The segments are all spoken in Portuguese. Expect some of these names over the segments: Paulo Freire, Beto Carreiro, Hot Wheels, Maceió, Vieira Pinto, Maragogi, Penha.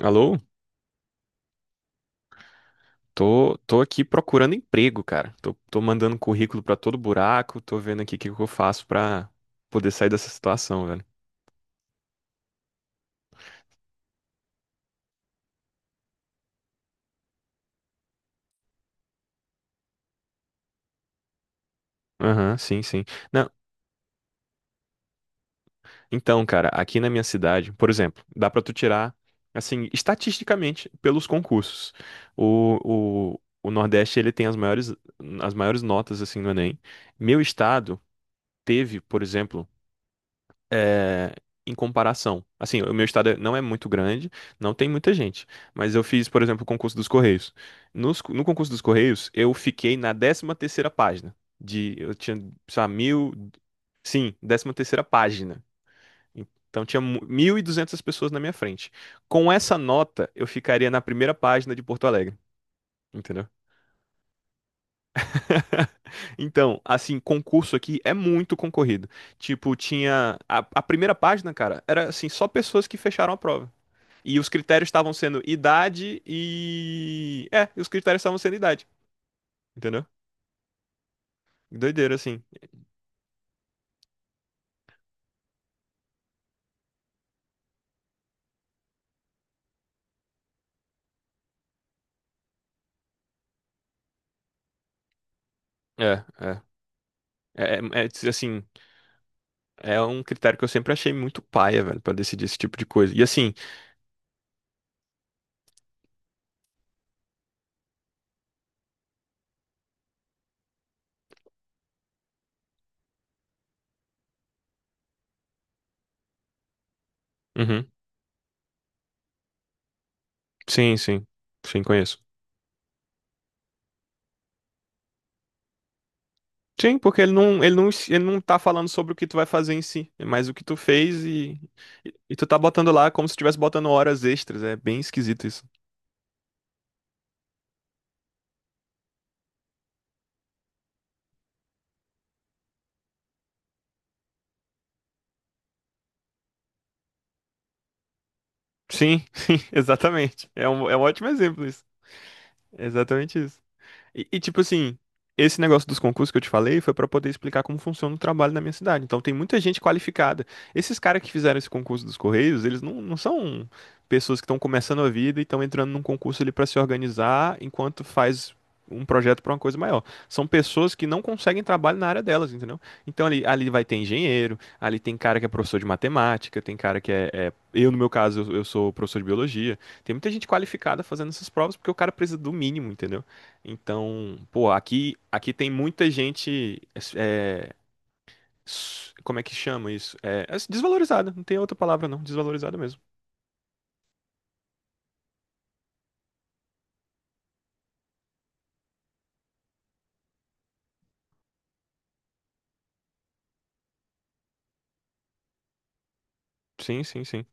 Alô? Tô aqui procurando emprego, cara. Tô mandando currículo pra todo buraco, tô vendo aqui o que que eu faço pra poder sair dessa situação, velho. Aham, sim, sim. Não, então, cara, aqui na minha cidade, por exemplo, dá pra tu tirar, assim, estatisticamente, pelos concursos. O Nordeste, ele tem as maiores notas, assim, no Enem. Meu estado teve, por exemplo, é, em comparação. Assim, o meu estado não é muito grande, não tem muita gente, mas eu fiz, por exemplo, o concurso dos Correios. No concurso dos Correios, eu fiquei na 13ª página. Eu tinha, sei lá, mil. Sim, 13ª página. Então tinha 1.200 pessoas na minha frente. Com essa nota, eu ficaria na primeira página de Porto Alegre. Entendeu? Então, assim, concurso aqui é muito concorrido. Tipo, tinha. A primeira página, cara, era assim, só pessoas que fecharam a prova. E os critérios estavam sendo idade e. É, os critérios estavam sendo idade, entendeu? Doideira, assim. É, é. É, assim, é um critério que eu sempre achei muito paia, velho, pra decidir esse tipo de coisa. E assim, uhum, sim, sim, sim, conheço. Sim, porque ele não tá falando sobre o que tu vai fazer em si, é mais o que tu fez e tu tá botando lá como se estivesse botando horas extras. É bem esquisito isso. Sim, sim, exatamente. É um ótimo exemplo isso. É exatamente isso. E, tipo assim, esse negócio dos concursos que eu te falei foi pra poder explicar como funciona o trabalho na minha cidade. Então tem muita gente qualificada. Esses caras que fizeram esse concurso dos Correios, eles não são pessoas que estão começando a vida e estão entrando num concurso ali pra se organizar enquanto faz um projeto pra uma coisa maior. São pessoas que não conseguem trabalho na área delas, entendeu? Então ali vai ter engenheiro, ali tem cara que é professor de matemática, tem cara que eu, no meu caso, eu sou professor de biologia. Tem muita gente qualificada fazendo essas provas porque o cara precisa do mínimo, entendeu? Então, pô, aqui, tem muita gente. é, Como é que chama isso? É, é desvalorizada, não tem outra palavra não, desvalorizada mesmo. Sim, sim, sim.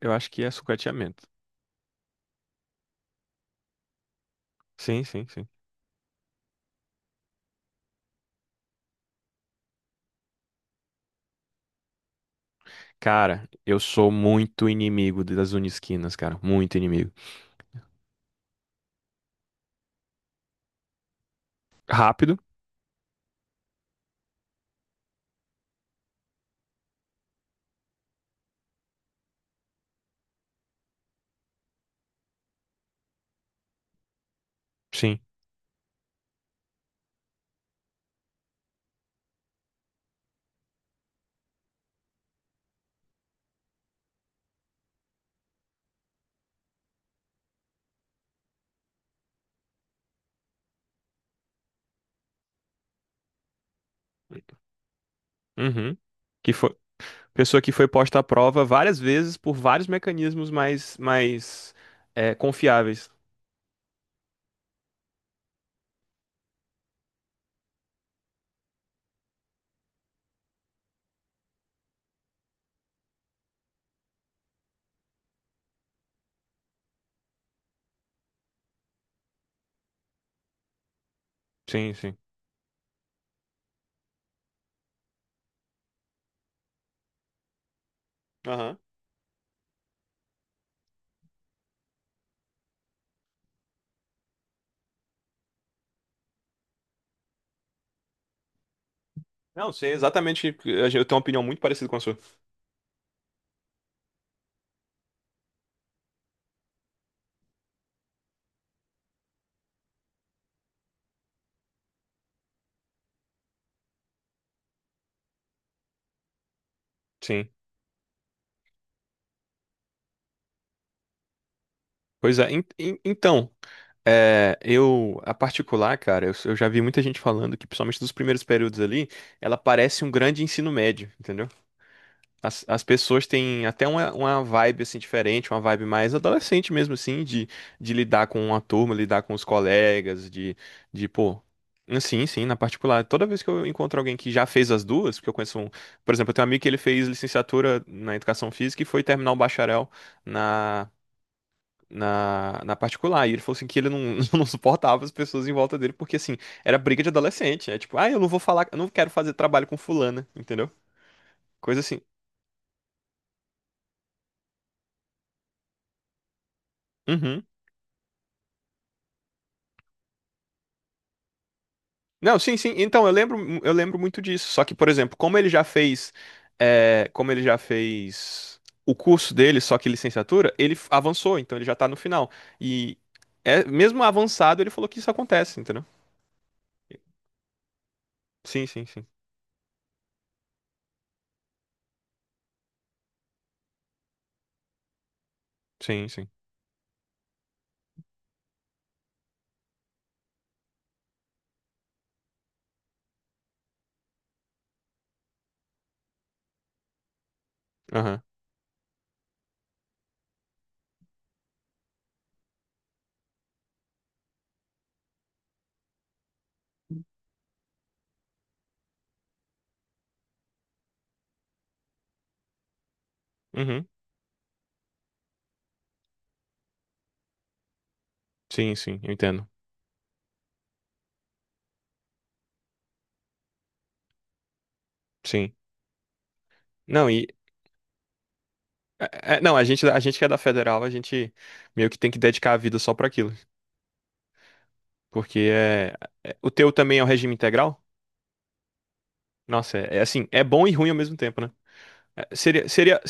Eu acho que é sucateamento. Sim, sim, sim. Cara, eu sou muito inimigo das unisquinas, cara, muito inimigo. Rápido, sim. Uhum. Que foi pessoa que foi posta à prova várias vezes por vários mecanismos mais confiáveis. Sim, sim. Não, sei exatamente. Eu tenho uma opinião muito parecida com a sua. Sim. Pois é. Então, eu, a particular, cara, eu já vi muita gente falando que, principalmente dos primeiros períodos ali, ela parece um grande ensino médio, entendeu? As pessoas têm até uma, vibe assim diferente, uma vibe mais adolescente mesmo assim, de, lidar com uma turma, lidar com os colegas, de pô. Sim, sim, na particular. Toda vez que eu encontro alguém que já fez as duas, porque eu conheço um, por exemplo, eu tenho um amigo que ele fez licenciatura na educação física e foi terminar o bacharel na, na particular. E ele falou assim que ele não, não suportava as pessoas em volta dele, porque assim, era briga de adolescente. É tipo, ah, eu não vou falar, eu não quero fazer trabalho com fulana, entendeu? Coisa assim. Uhum. Não, sim, sim. Então, eu lembro muito disso. Só que, por exemplo, como ele já fez o curso dele, só que licenciatura, ele avançou, então ele já tá no final. E mesmo avançado, ele falou que isso acontece, entendeu? Sim, sim, sim. Sim, sim. Aham. Uhum. Sim, sim, eu entendo. Sim. Não, e não, a gente que é da federal, a gente meio que tem que dedicar a vida só pra aquilo. Porque o teu também é o regime integral? Nossa, é assim, é bom e ruim ao mesmo tempo, né? É, seria, seria.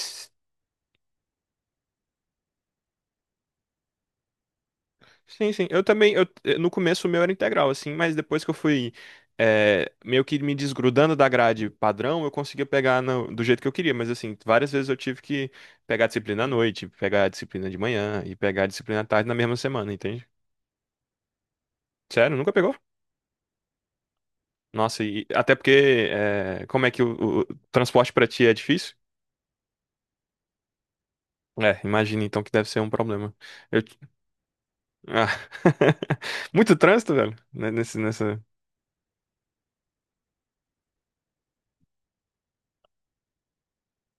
Sim, sim. Eu também. No começo o meu era integral, assim, mas depois que eu fui meio que me desgrudando da grade padrão, eu conseguia pegar do jeito que eu queria. Mas assim, várias vezes eu tive que pegar a disciplina à noite, pegar a disciplina de manhã e pegar a disciplina à tarde na mesma semana, entende? Sério, nunca pegou? Nossa, e até porque como é que o transporte pra ti é difícil? É, imagina então que deve ser um problema. Eu- Ah. Muito trânsito, velho, né, nesse, nessa.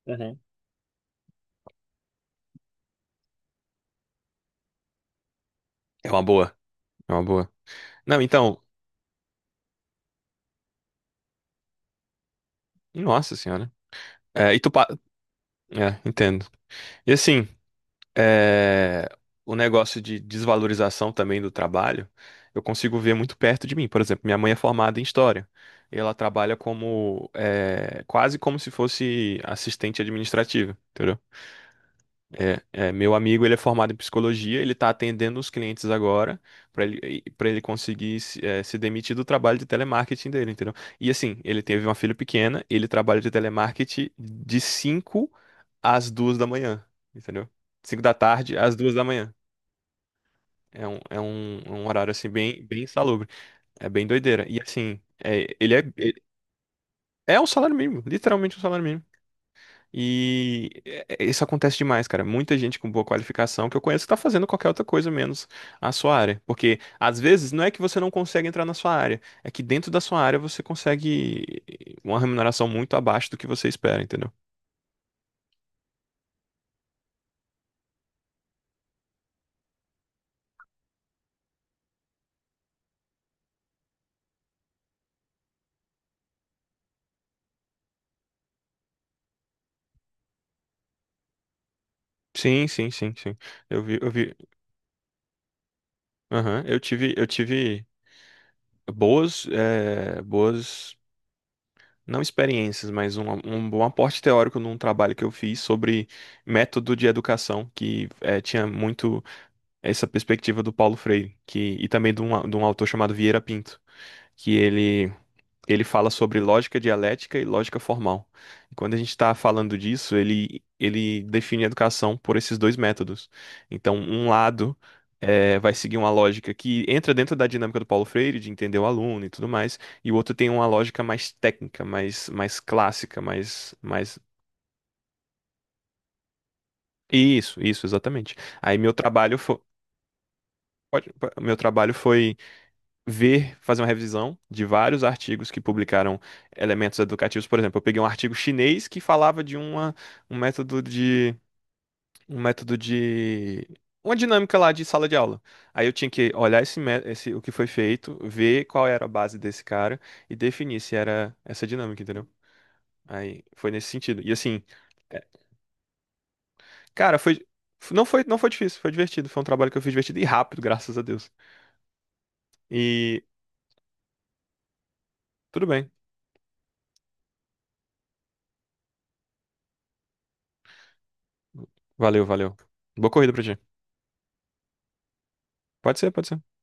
Uhum. É uma boa. É uma boa. Não, então, nossa senhora. É, e tu pa. É, entendo. E assim, é, o negócio de desvalorização também do trabalho, eu consigo ver muito perto de mim. Por exemplo, minha mãe é formada em história. E ela trabalha como, quase como se fosse assistente administrativa. Meu amigo, ele é formado em psicologia, ele está atendendo os clientes agora para ele, conseguir se demitir do trabalho de telemarketing dele, entendeu? E assim, ele teve uma filha pequena, ele trabalha de telemarketing de 5 às 2 da manhã, entendeu? Cinco da tarde às 2 da manhã. É um horário assim bem, bem insalubre. É bem doideira. E assim, É um salário mínimo, literalmente um salário mínimo. E isso acontece demais, cara. Muita gente com boa qualificação que eu conheço tá fazendo qualquer outra coisa menos a sua área. Porque às vezes não é que você não consegue entrar na sua área, é que dentro da sua área você consegue uma remuneração muito abaixo do que você espera, entendeu? Sim, sim, sim, sim. Eu vi, eu vi. Aham. Eu tive boas não experiências, mas um bom aporte teórico num trabalho que eu fiz sobre método de educação, que tinha muito essa perspectiva do Paulo Freire, que, e também de um, de um autor chamado Vieira Pinto, que ele ele fala sobre lógica dialética e lógica formal. E quando a gente está falando disso, ele define a educação por esses dois métodos. Então, um lado vai seguir uma lógica que entra dentro da dinâmica do Paulo Freire, de entender o aluno e tudo mais, e o outro tem uma lógica mais técnica, mais clássica. Isso, isso, exatamente. Aí meu trabalho foi. Meu trabalho foi ver, fazer uma revisão de vários artigos que publicaram elementos educativos. Por exemplo, eu peguei um artigo chinês que falava de uma, um método de, um método de, uma dinâmica lá de sala de aula. Aí eu tinha que olhar esse, o que foi feito, ver qual era a base desse cara e definir se era essa dinâmica, entendeu? Aí foi nesse sentido. E assim, é, cara, foi, não foi difícil, foi divertido. Foi um trabalho que eu fiz divertido e rápido, graças a Deus. E tudo bem. Valeu, valeu. Boa corrida pra ti. Pode ser, pode ser.